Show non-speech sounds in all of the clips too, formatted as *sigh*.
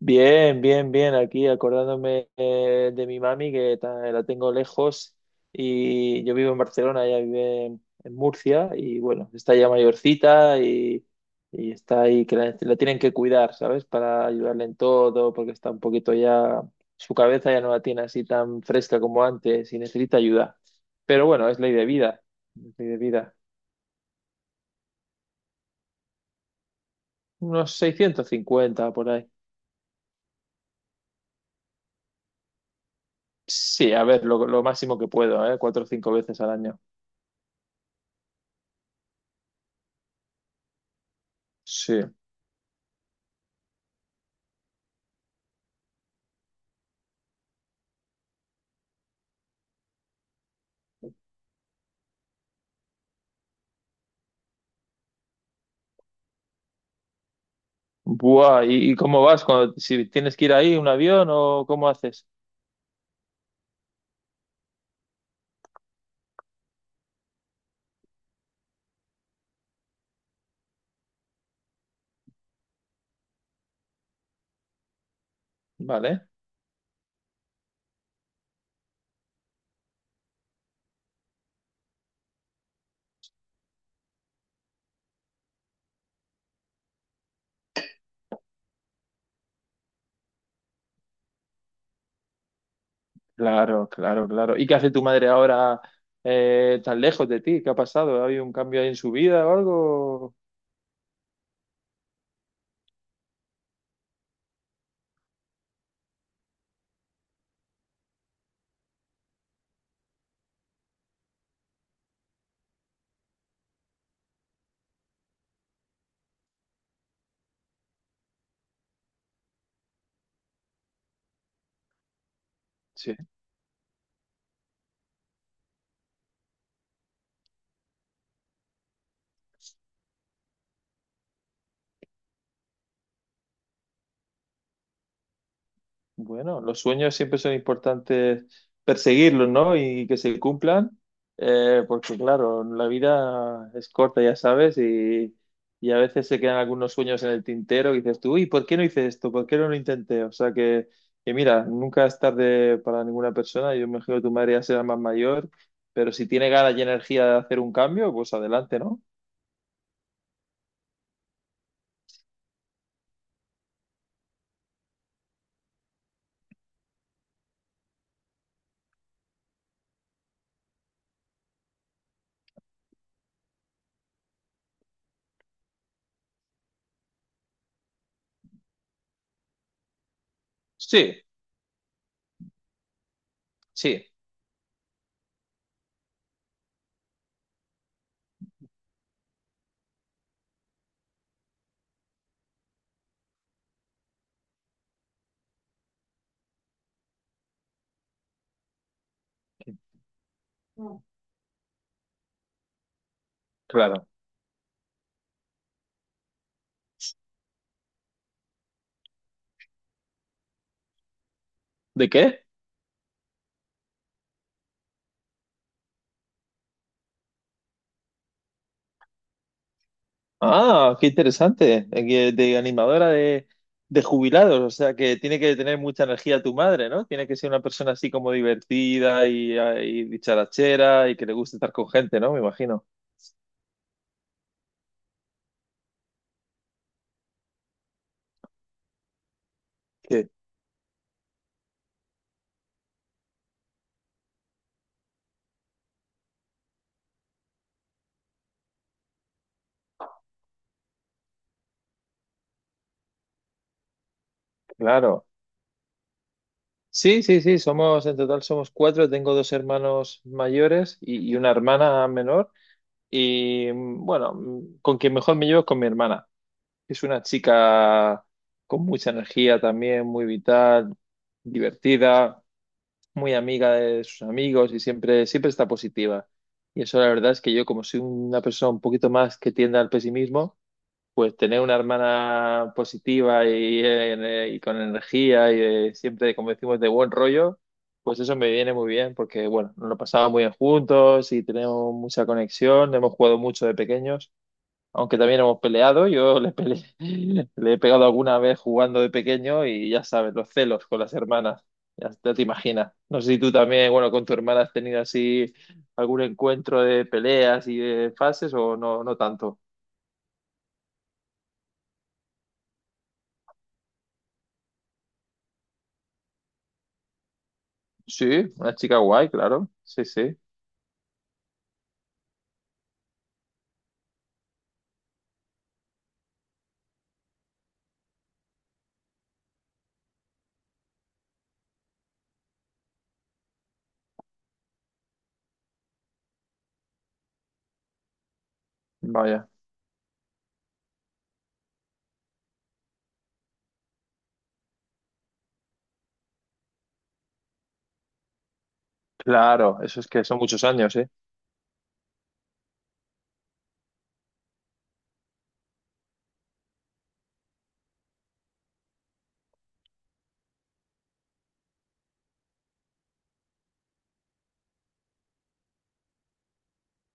Bien, bien, bien. Aquí acordándome de mi mami, la tengo lejos, y yo vivo en Barcelona, ella vive en Murcia, y bueno, está ya mayorcita y está ahí, la tienen que cuidar, ¿sabes? Para ayudarle en todo, porque está un poquito ya, su cabeza ya no la tiene así tan fresca como antes y necesita ayuda. Pero bueno, es ley de vida, es ley de vida. Unos 650 por ahí. Sí, a ver, lo máximo que puedo, ¿eh? Cuatro o cinco veces al año. Sí. Buah, ¿ y cómo vas? Cuando, si tienes que ir ahí, ¿un avión o cómo haces? Vale, claro, claro, claro. ¿Y qué hace tu madre ahora tan lejos de ti? ¿Qué ha pasado? ¿Ha habido un cambio ahí en su vida o algo? Bueno, los sueños siempre son importantes perseguirlos, ¿no? Y que se cumplan, porque claro, la vida es corta, ya sabes, y a veces se quedan algunos sueños en el tintero y dices tú, uy, ¿por qué no hice esto? ¿Por qué no lo intenté? O sea que mira, nunca es tarde para ninguna persona. Yo me imagino que tu madre ya será más mayor, pero si tiene ganas y energía de hacer un cambio, pues adelante, ¿no? Sí, sí, claro. ¿De qué? Ah, qué interesante. Que de animadora de jubilados. O sea que tiene que tener mucha energía tu madre, ¿no? Tiene que ser una persona así como divertida y, ah, y dicharachera y que le guste estar con gente, ¿no? Me imagino. Que, claro. Sí, sí, sí. Somos, en total somos cuatro. Tengo dos hermanos mayores y una hermana menor. Y bueno, con quien mejor me llevo es con mi hermana. Es una chica con mucha energía también, muy vital, divertida. Muy amiga de sus amigos y siempre, siempre está positiva. Y eso la verdad es que yo, como soy una persona un poquito más que tiende al pesimismo, pues tener una hermana positiva y con energía y siempre, como decimos, de buen rollo, pues eso me viene muy bien porque, bueno, nos lo pasamos muy bien juntos y tenemos mucha conexión, hemos jugado mucho de pequeños. Aunque también hemos peleado, yo le peleé, *laughs* le he pegado alguna vez jugando de pequeño y ya sabes, los celos con las hermanas, ya te imaginas. No sé si tú también, bueno, con tu hermana has tenido así algún encuentro de peleas y de fases o no, no tanto. Sí, una chica guay, claro. Sí, sí, vaya. Claro, eso es que son muchos años, ¿eh?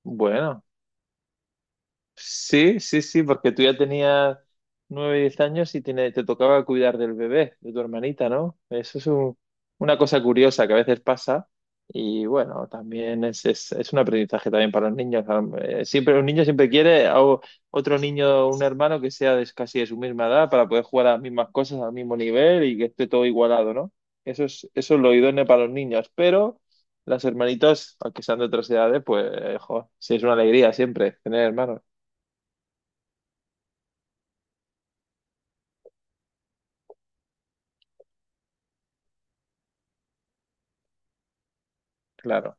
Bueno. Sí, sí, sí, porque tú ya tenías nueve, diez años y te tocaba cuidar del bebé, de tu hermanita, ¿no? Una cosa curiosa que a veces pasa y bueno, también es un aprendizaje también para los niños. Siempre un niño siempre quiere a otro niño, un hermano que sea de, casi de su misma edad para poder jugar a las mismas cosas al mismo nivel y que esté todo igualado, ¿no? Eso es lo idóneo para los niños, pero las hermanitas, aunque sean de otras edades, pues, jo, sí es una alegría siempre tener hermanos. Claro,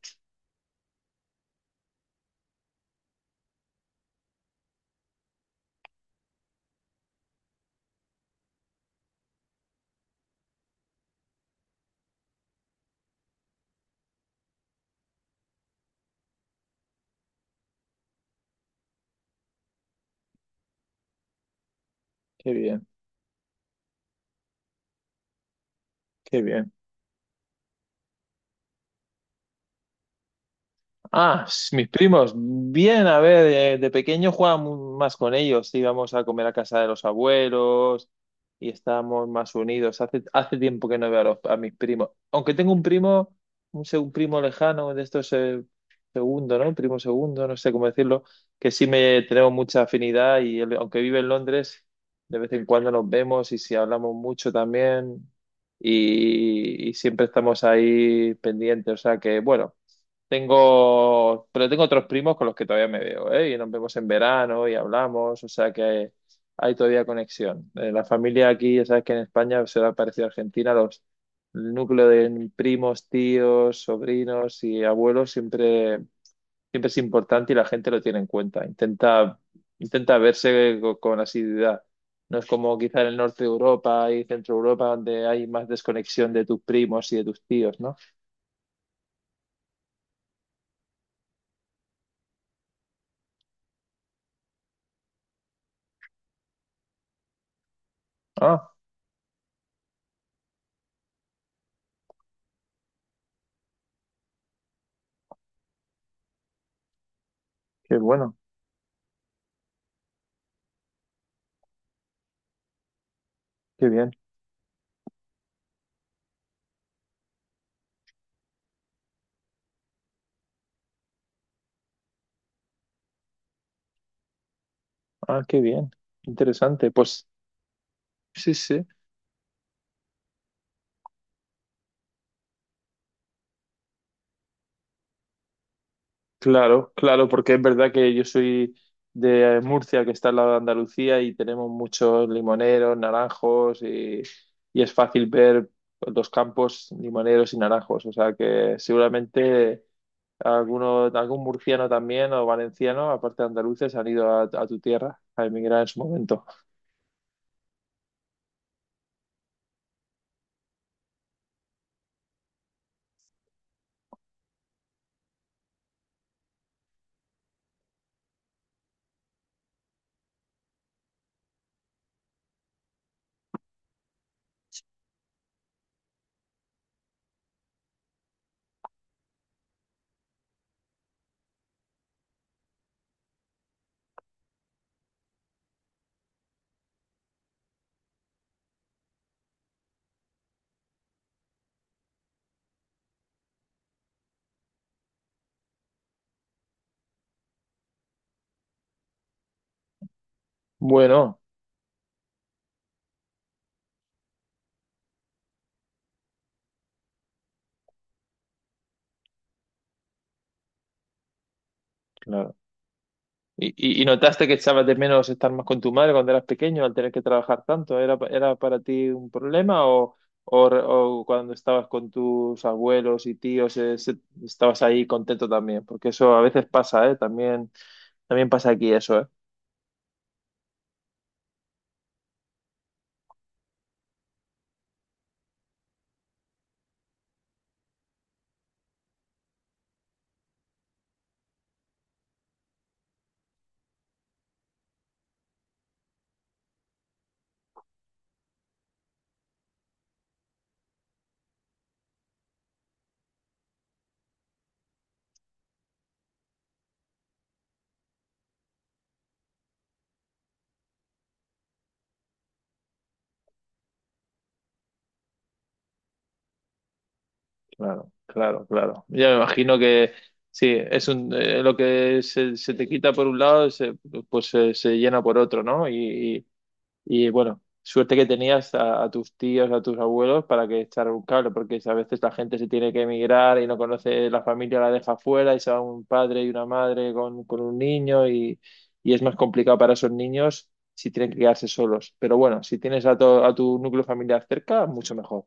qué bien, qué bien. Ah, s- mis primos, bien, a ver, de, pequeño más con ellos, íbamos a comer a casa de los abuelos y estábamos más unidos. Hace, hace tiempo que no veo a, a mis primos, aunque tengo un primo, un primo lejano de estos segundo, ¿no? Primo segundo, no sé cómo decirlo, que sí me tenemos mucha afinidad y él, aunque vive en Londres, de vez en cuando nos vemos y si hablamos mucho también y siempre estamos ahí pendientes, o sea que bueno. Tengo, pero tengo otros primos con los que todavía me veo, ¿eh? Y nos vemos en verano y hablamos, o sea que hay todavía conexión. La familia aquí, ya sabes que en España se da parecido a Argentina, los el núcleo de primos, tíos, sobrinos y abuelos siempre, siempre es importante y la gente lo tiene en cuenta. Intenta, intenta verse con asiduidad. No es como quizá en el norte de Europa y centro Europa donde hay más desconexión de tus primos y de tus tíos, ¿no? Ah, qué bueno, qué bien. Ah, qué bien, interesante. Pues sí, sí, claro, claro, porque es verdad que yo soy de Murcia, que está al lado de Andalucía, y tenemos muchos limoneros, naranjos, y es fácil ver los campos limoneros y naranjos. O sea que seguramente alguno, algún murciano también o valenciano, aparte de andaluces, han ido a tu tierra a emigrar en su momento. Bueno. ¿Y, y notaste que echabas de menos estar más con tu madre cuando eras pequeño al tener que trabajar tanto? ¿Era, era para ti un problema o, o cuando estabas con tus abuelos y tíos estabas ahí contento también? Porque eso a veces pasa, ¿eh? También, también pasa aquí eso, ¿eh? Claro, claro, claro. Ya me imagino que sí, es un, lo que se te quita por un lado, pues se llena por otro, ¿no? Y bueno, suerte que tenías a tus tíos, a tus abuelos para que echar un cable, porque a veces la gente se tiene que emigrar y no conoce, la familia la deja fuera y se va un padre y una madre con un niño y es más complicado para esos niños si tienen que quedarse solos. Pero bueno, si tienes a tu núcleo familiar cerca, mucho mejor.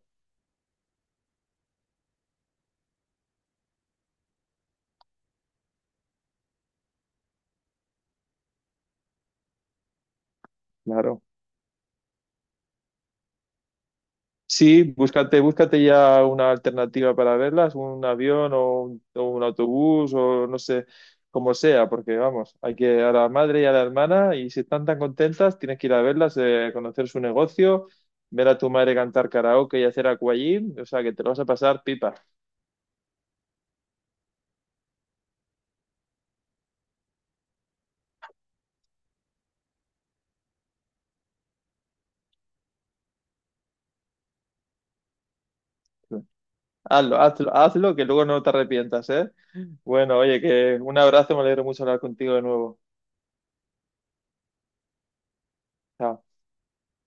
Claro. Sí, búscate, búscate ya una alternativa para verlas, un avión o un autobús o no sé, como sea, porque vamos, hay que a la madre y a la hermana y si están tan contentas, tienes que ir a verlas, conocer su negocio, ver a tu madre cantar karaoke y hacer aquagym, o sea que te lo vas a pasar pipa. Hazlo, hazlo, hazlo, que luego no te arrepientas, ¿eh? Bueno, oye, que un abrazo, me alegro mucho hablar contigo de nuevo. Chao.